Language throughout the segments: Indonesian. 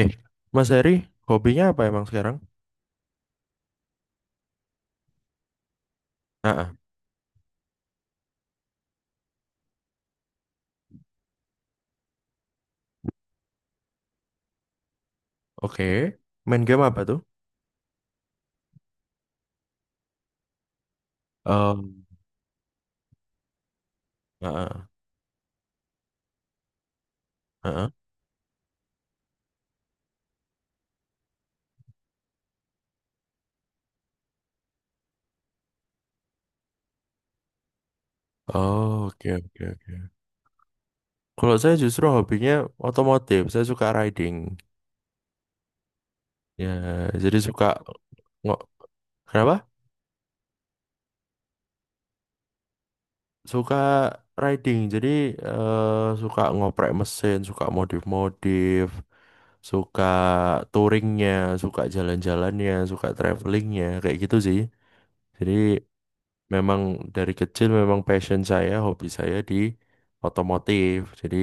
Eh, Mas Heri, hobinya apa emang sekarang? Ah, ah, oke. Main game apa tuh? Um, ah, ah, ah, ah. Oh, oke, oke, oke. Kalau saya justru hobinya otomotif. Saya suka riding. Ya, jadi suka ngo- Kenapa? Suka riding. Jadi suka ngoprek mesin, suka modif-modif, suka touringnya, suka jalan-jalannya, suka travelingnya, kayak gitu sih. Jadi memang dari kecil memang passion saya, hobi saya di otomotif. Jadi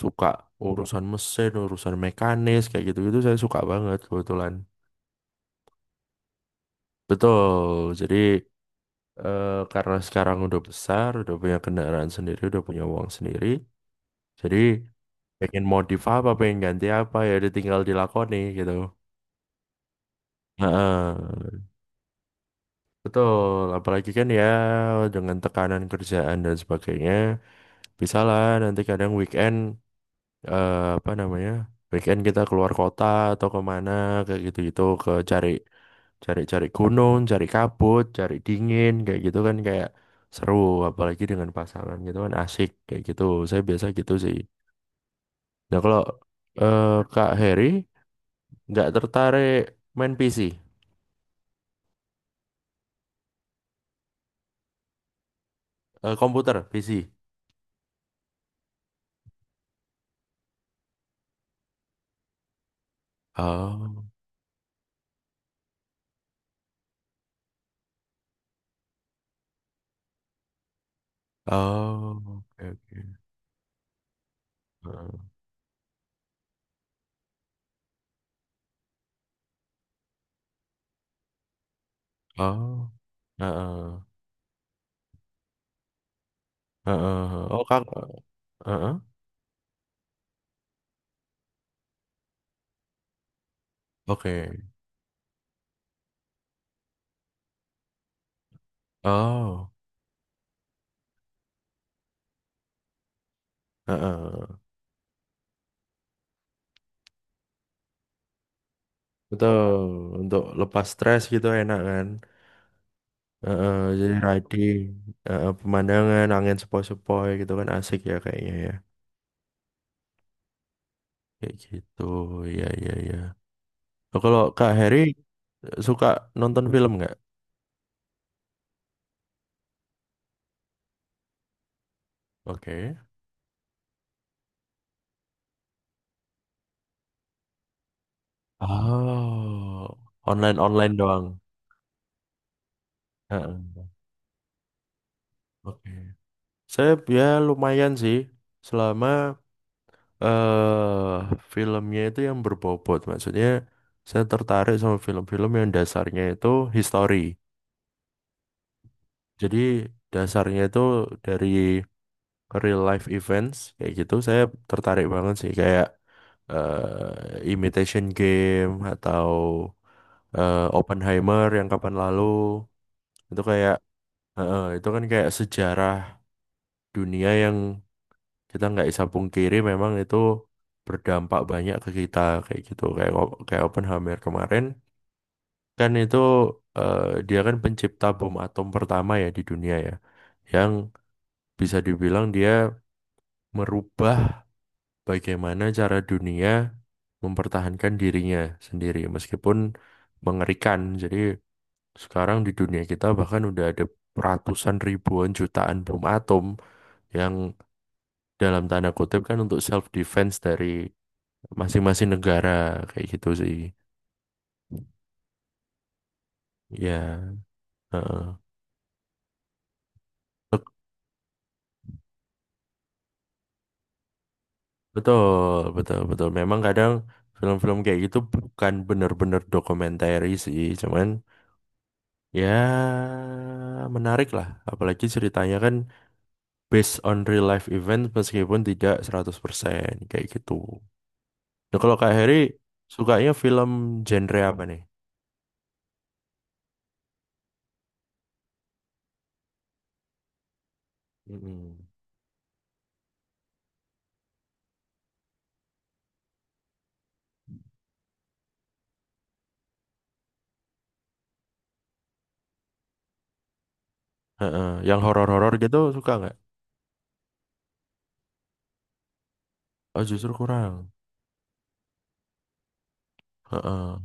suka urusan mesin, urusan mekanis kayak gitu-gitu saya suka banget kebetulan. Betul. Jadi karena sekarang udah besar, udah punya kendaraan sendiri, udah punya uang sendiri. Jadi pengen modif apa, pengen ganti apa ya udah tinggal dilakoni gitu. Heeh. Betul, apalagi kan ya dengan tekanan kerjaan dan sebagainya, bisalah nanti kadang weekend apa namanya weekend kita keluar kota atau kemana kayak gitu-gitu ke cari cari-cari gunung, cari kabut, cari dingin kayak gitu kan kayak seru apalagi dengan pasangan gitu kan asik kayak gitu. Saya biasa gitu sih. Nah, kalau eh, Kak Heri nggak tertarik main PC, eh, komputer, PC. Oh, oh, oke, oke. Heeh. Oh, heeh, heeh, heeh. Oh, Kak, heeh, oke. Oh. Heeh, betul. Untuk lepas stres gitu enak kan. Heeh, jadi riding, heeh, pemandangan, angin sepoi-sepoi gitu kan asik ya kayaknya ya. Kayak gitu, ya ya ya. Oh, kalau Kak Heri suka nonton film nggak? Oke. Oh, online-online doang. Heeh. Oke. Saya ya lumayan sih. Selama eh filmnya itu yang berbobot. Maksudnya saya tertarik sama film-film yang dasarnya itu history. Jadi dasarnya itu dari real life events kayak gitu. Saya tertarik banget sih kayak Imitation Game atau Oppenheimer yang kapan lalu itu kayak itu kan kayak sejarah dunia yang kita nggak bisa pungkiri memang itu berdampak banyak ke kita kayak gitu kayak kayak Oppenheimer kemarin kan itu eh, dia kan pencipta bom atom pertama ya di dunia ya yang bisa dibilang dia merubah bagaimana cara dunia mempertahankan dirinya sendiri meskipun mengerikan jadi sekarang di dunia kita bahkan udah ada ratusan ribuan jutaan bom atom yang dalam tanda kutip kan untuk self defense dari masing-masing negara kayak gitu sih. Ya, heeh. Bet- Betul, betul, betul. Memang kadang film-film kayak gitu bukan benar-benar dokumenter sih, cuman ya menarik lah. Apalagi ceritanya kan based on real life event meskipun tidak 100% kayak gitu. Nah, kalau Kak Heri sukanya film genre apa nih? Mm-mm. Heeh. Yang horor-horor gitu suka nggak? Oh, justru kurang. Heeh.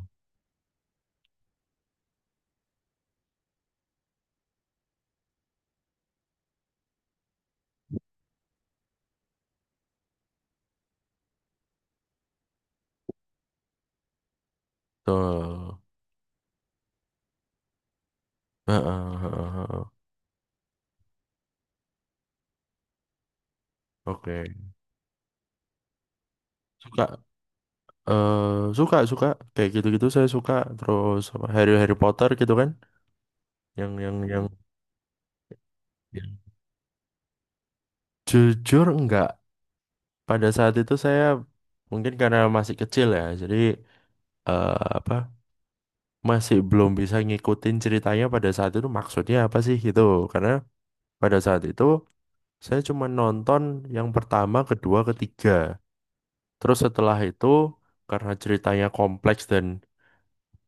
Betul. Heeh, heeh, heeh. Oke, suka eh suka suka kayak gitu-gitu saya suka terus apa, Harry Harry Potter gitu kan yang yang- jujur enggak pada saat itu saya mungkin karena masih kecil ya jadi apa masih belum bisa ngikutin ceritanya pada saat itu maksudnya apa sih gitu karena pada saat itu saya cuma nonton yang pertama kedua ketiga terus setelah itu karena ceritanya kompleks dan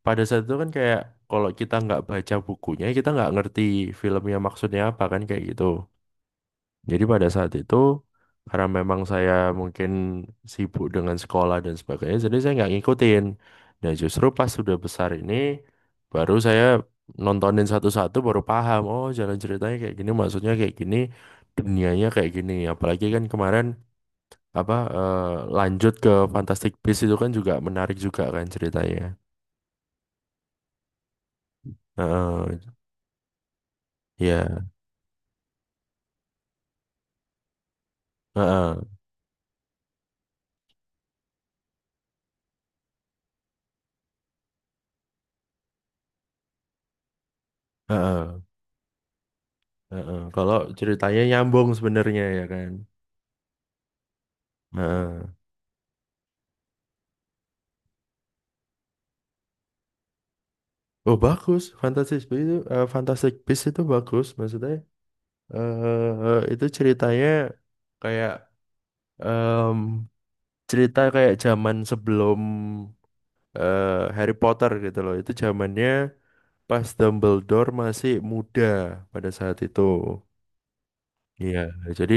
pada saat itu kan kayak kalau kita nggak baca bukunya kita nggak ngerti filmnya maksudnya apa kan kayak gitu jadi pada saat itu karena memang saya mungkin sibuk dengan sekolah dan sebagainya jadi saya nggak ngikutin nah justru pas sudah besar ini baru saya nontonin satu-satu baru paham oh jalan ceritanya kayak gini maksudnya kayak gini dunianya kayak gini apalagi kan kemarin apa lanjut ke Fantastic Beasts itu kan juga menarik juga kan ceritanya. Heeh, ya. Heeh, heeh, heeh. Kalau ceritanya nyambung sebenarnya ya kan. Heeh. Oh bagus, Fantastic Beasts itu, Fantastic Beasts itu bagus maksudnya. Eh itu ceritanya kayak em, cerita kayak zaman sebelum eh, Harry Potter gitu loh. Itu zamannya pas Dumbledore masih muda pada saat itu. Iya, jadi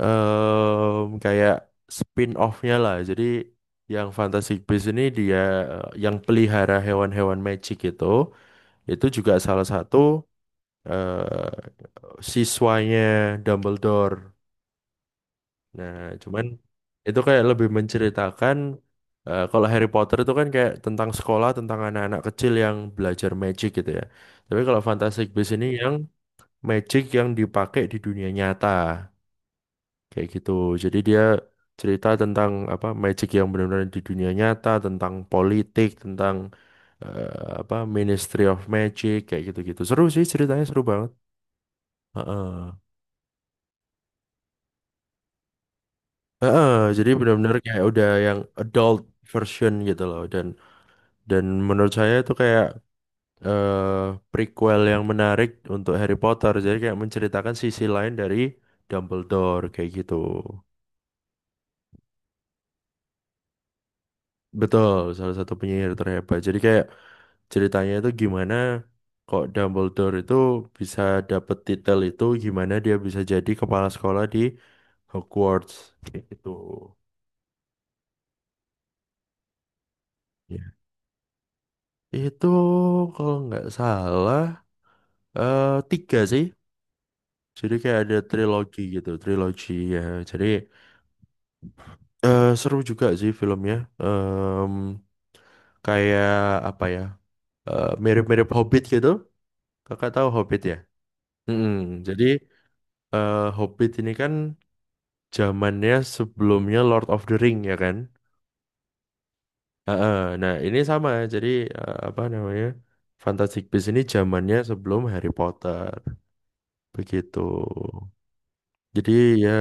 kayak spin-off-nya lah. Jadi yang Fantastic Beasts ini dia yang pelihara hewan-hewan magic itu juga salah satu eh, siswanya Dumbledore. Nah, cuman itu kayak lebih menceritakan kalau Harry Potter itu kan kayak tentang sekolah, tentang anak-anak kecil yang belajar magic gitu ya. Tapi kalau Fantastic Beasts ini yang magic yang dipakai di dunia nyata. Kayak gitu. Jadi dia cerita tentang apa magic yang benar-benar di dunia nyata, tentang politik, tentang apa Ministry of Magic kayak gitu-gitu. Seru sih ceritanya seru banget. Heeh. Heeh, jadi benar-benar kayak udah yang adult version gitu loh dan menurut saya itu kayak eh, prequel yang menarik untuk Harry Potter. Jadi kayak menceritakan sisi lain dari Dumbledore kayak gitu. Betul, salah satu penyihir terhebat. Jadi kayak ceritanya itu gimana kok Dumbledore itu bisa dapet titel itu gimana dia bisa jadi kepala sekolah di Hogwarts kayak gitu ya itu kalau nggak salah tiga sih jadi kayak ada trilogi gitu trilogi ya jadi seru juga sih filmnya. Em, kayak apa ya mirip-mirip Hobbit gitu kakak tahu Hobbit ya. Mm-mm. Jadi Hobbit ini kan zamannya sebelumnya Lord of the Ring ya kan? Heeh. Nah, ini sama. Jadi apa namanya? Fantastic Beasts ini zamannya sebelum Harry Potter. Begitu. Jadi ya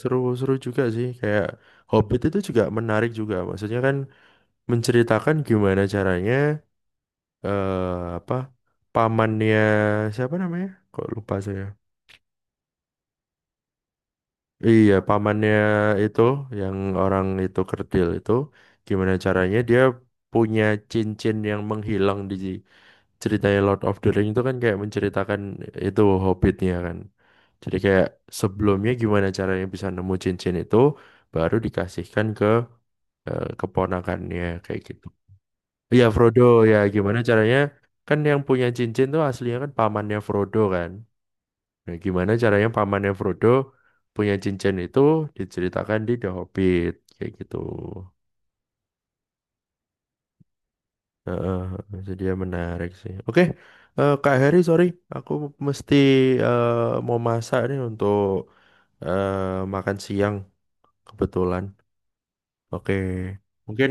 seru-seru juga sih kayak Hobbit itu juga menarik juga. Maksudnya kan menceritakan gimana caranya apa pamannya siapa namanya? Kok lupa saya. Iya, pamannya itu yang orang itu kerdil itu gimana caranya dia punya cincin yang menghilang di ceritanya Lord of the Ring itu kan kayak menceritakan itu hobbitnya kan. Jadi kayak sebelumnya gimana caranya bisa nemu cincin itu baru dikasihkan ke keponakannya kayak gitu. Iya Frodo ya gimana caranya kan yang punya cincin tuh aslinya kan pamannya Frodo kan. Nah, gimana caranya pamannya Frodo punya cincin itu diceritakan di The Hobbit kayak gitu. Heeh, jadi ya menarik sih. Oke, Kak Heri, sorry, aku mesti eh, mau masak nih untuk eh, makan siang kebetulan. Oke, mungkin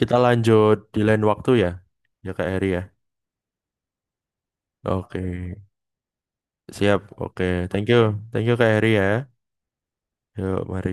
kita lanjut di lain waktu ya, ya Kak Heri ya. Oke, siap. Oke, thank you, thank you Kak Heri ya. Yuk, mari.